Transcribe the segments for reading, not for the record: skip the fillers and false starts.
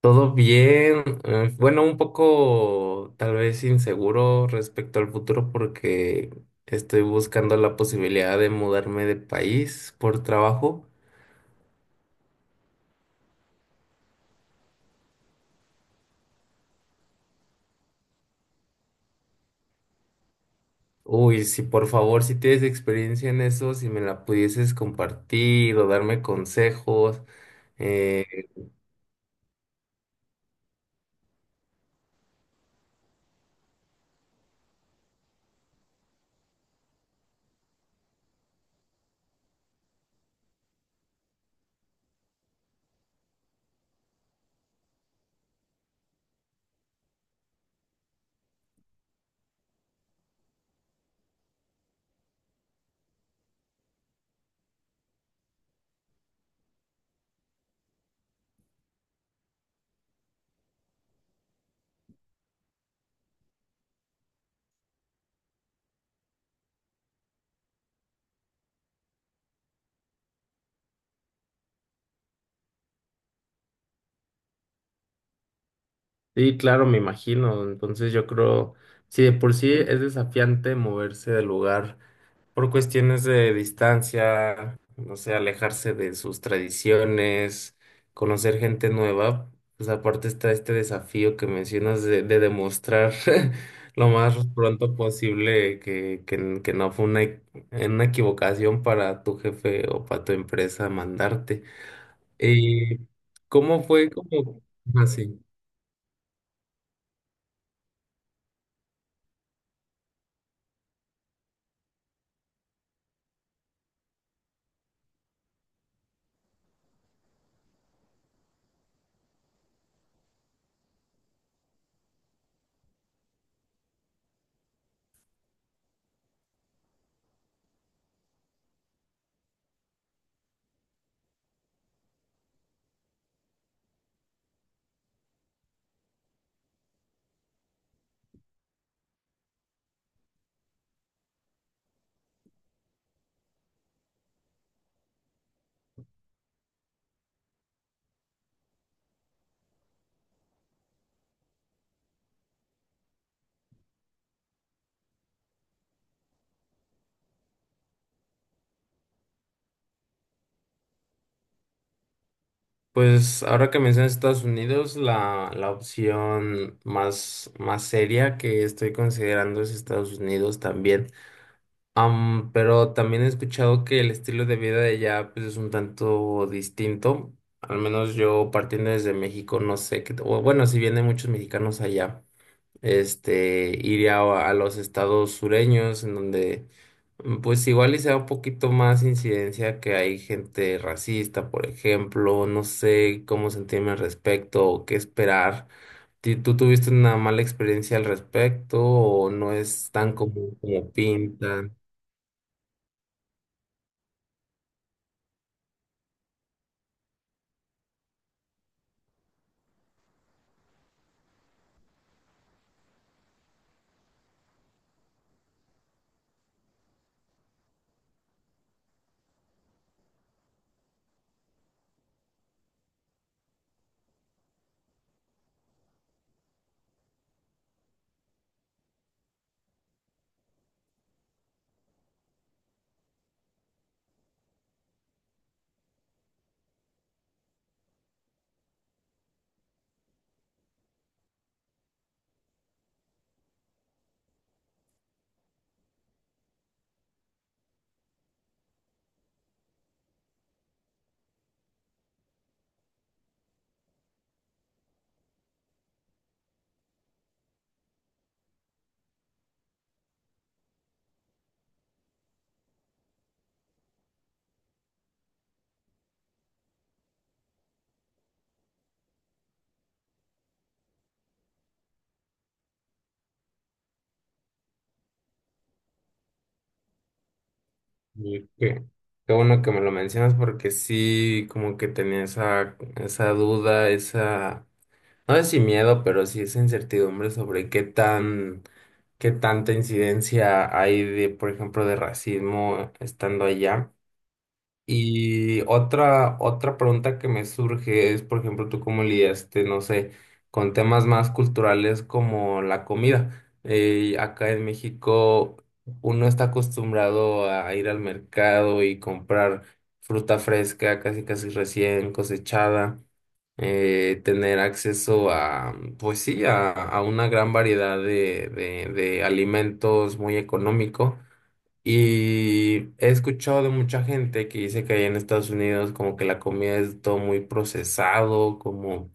Todo bien, bueno, un poco tal vez inseguro respecto al futuro porque estoy buscando la posibilidad de mudarme de país por trabajo. Uy, si por favor, si tienes experiencia en eso, si me la pudieses compartir o darme consejos. eh, sí, claro, me imagino. Entonces yo creo, si de por sí es desafiante moverse del lugar por cuestiones de distancia, no sé, alejarse de sus tradiciones, conocer gente nueva. Pues aparte está este desafío que mencionas de demostrar lo más pronto posible que no fue una, una equivocación para tu jefe o para tu empresa mandarte. ¿Y cómo fue? Como así? Pues ahora que mencionas Estados Unidos, la opción más, más seria que estoy considerando es Estados Unidos también. Pero también he escuchado que el estilo de vida de allá pues, es un tanto distinto. Al menos yo partiendo desde México, no sé qué, o bueno, si vienen muchos mexicanos allá. Este, iría a los estados sureños, en donde pues igual y sea un poquito más incidencia que hay gente racista, por ejemplo, no sé cómo sentirme al respecto o qué esperar. ¿Tú tuviste una mala experiencia al respecto o no es tan común como pintan? Y qué, qué bueno que me lo mencionas porque sí, como que tenía esa duda, esa. No es sin miedo, pero sí esa incertidumbre sobre qué tan, qué tanta incidencia hay de, por ejemplo, de racismo estando allá. Y otra pregunta que me surge es, por ejemplo, tú cómo lidiaste, no sé, con temas más culturales como la comida. Acá en México uno está acostumbrado a ir al mercado y comprar fruta fresca, casi casi recién cosechada, tener acceso a, pues sí, a una gran variedad de alimentos muy económico. Y he escuchado de mucha gente que dice que allá en Estados Unidos como que la comida es todo muy procesado,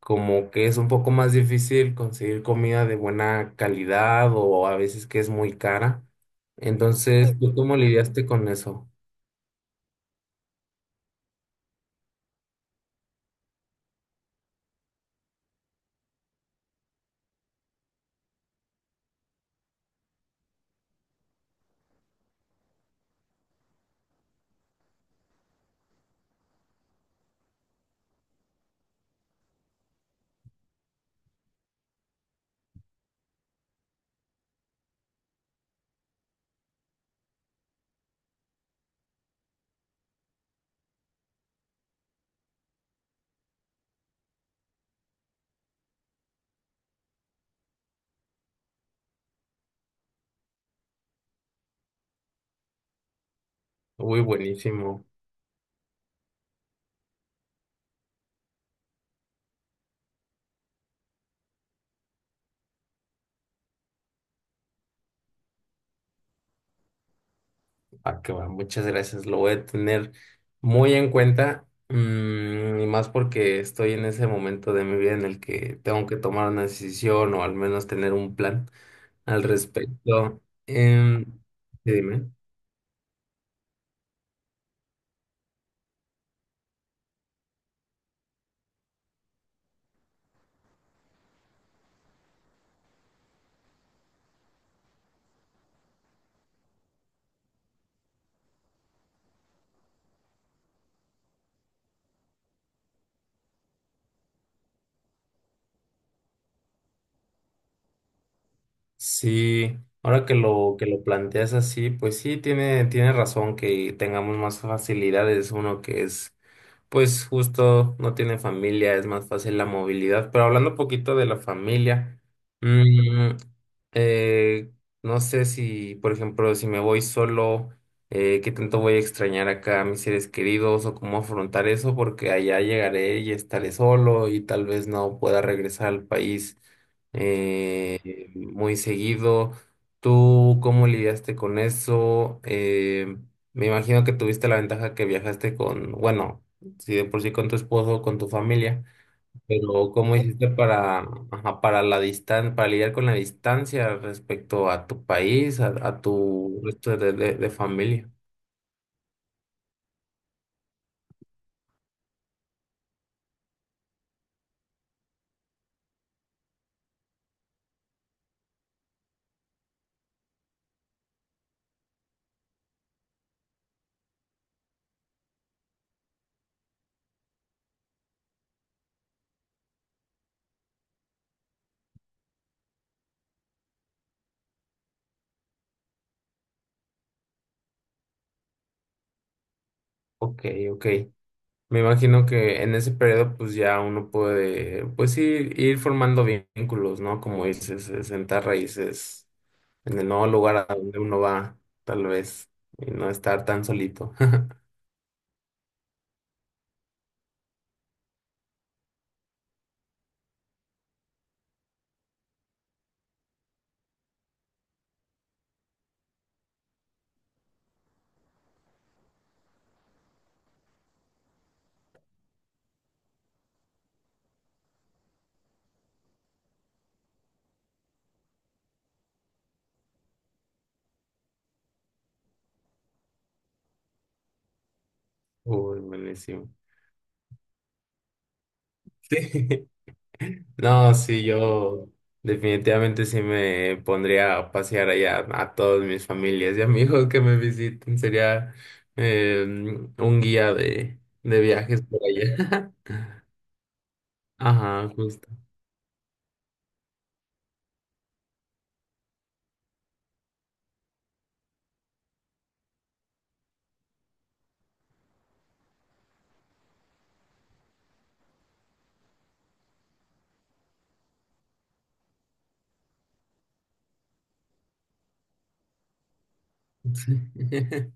como que es un poco más difícil conseguir comida de buena calidad o a veces que es muy cara. Entonces, ¿tú cómo lidiaste con eso? Uy, buenísimo. Ah, que va, muchas gracias. Lo voy a tener muy en cuenta, y más porque estoy en ese momento de mi vida en el que tengo que tomar una decisión o al menos tener un plan al respecto. Em, sí, dime. Sí, ahora que lo planteas así, pues sí tiene razón que tengamos más facilidades, uno que es pues justo no tiene familia, es más fácil la movilidad. Pero hablando un poquito de la familia, mm, eh, no sé si, por ejemplo, si me voy solo, qué tanto voy a extrañar acá a mis seres queridos o cómo afrontar eso, porque allá llegaré y estaré solo y tal vez no pueda regresar al país muy seguido. ¿Tú cómo lidiaste con eso? Me imagino que tuviste la ventaja que viajaste con, bueno, si de por sí con tu esposo, con tu familia, pero ¿cómo hiciste para, ajá, para lidiar con la distancia respecto a tu país, a tu resto de familia? Ok, ok. Me imagino que en ese periodo pues ya uno puede, pues ir formando vínculos, ¿no? Como dices, sentar raíces en el nuevo lugar a donde uno va, tal vez, y no estar tan solito. Uy, buenísimo. Sí. No, sí, yo definitivamente sí me pondría a pasear allá a todas mis familias y amigos que me visiten. Sería eh, un guía de viajes por allá. Ajá, justo. Sí.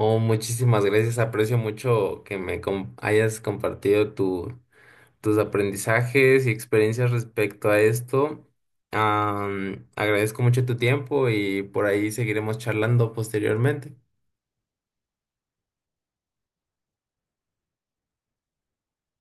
Oh, muchísimas gracias. Aprecio mucho que me hayas compartido tus aprendizajes y experiencias respecto a esto. Agradezco mucho tu tiempo y por ahí seguiremos charlando posteriormente.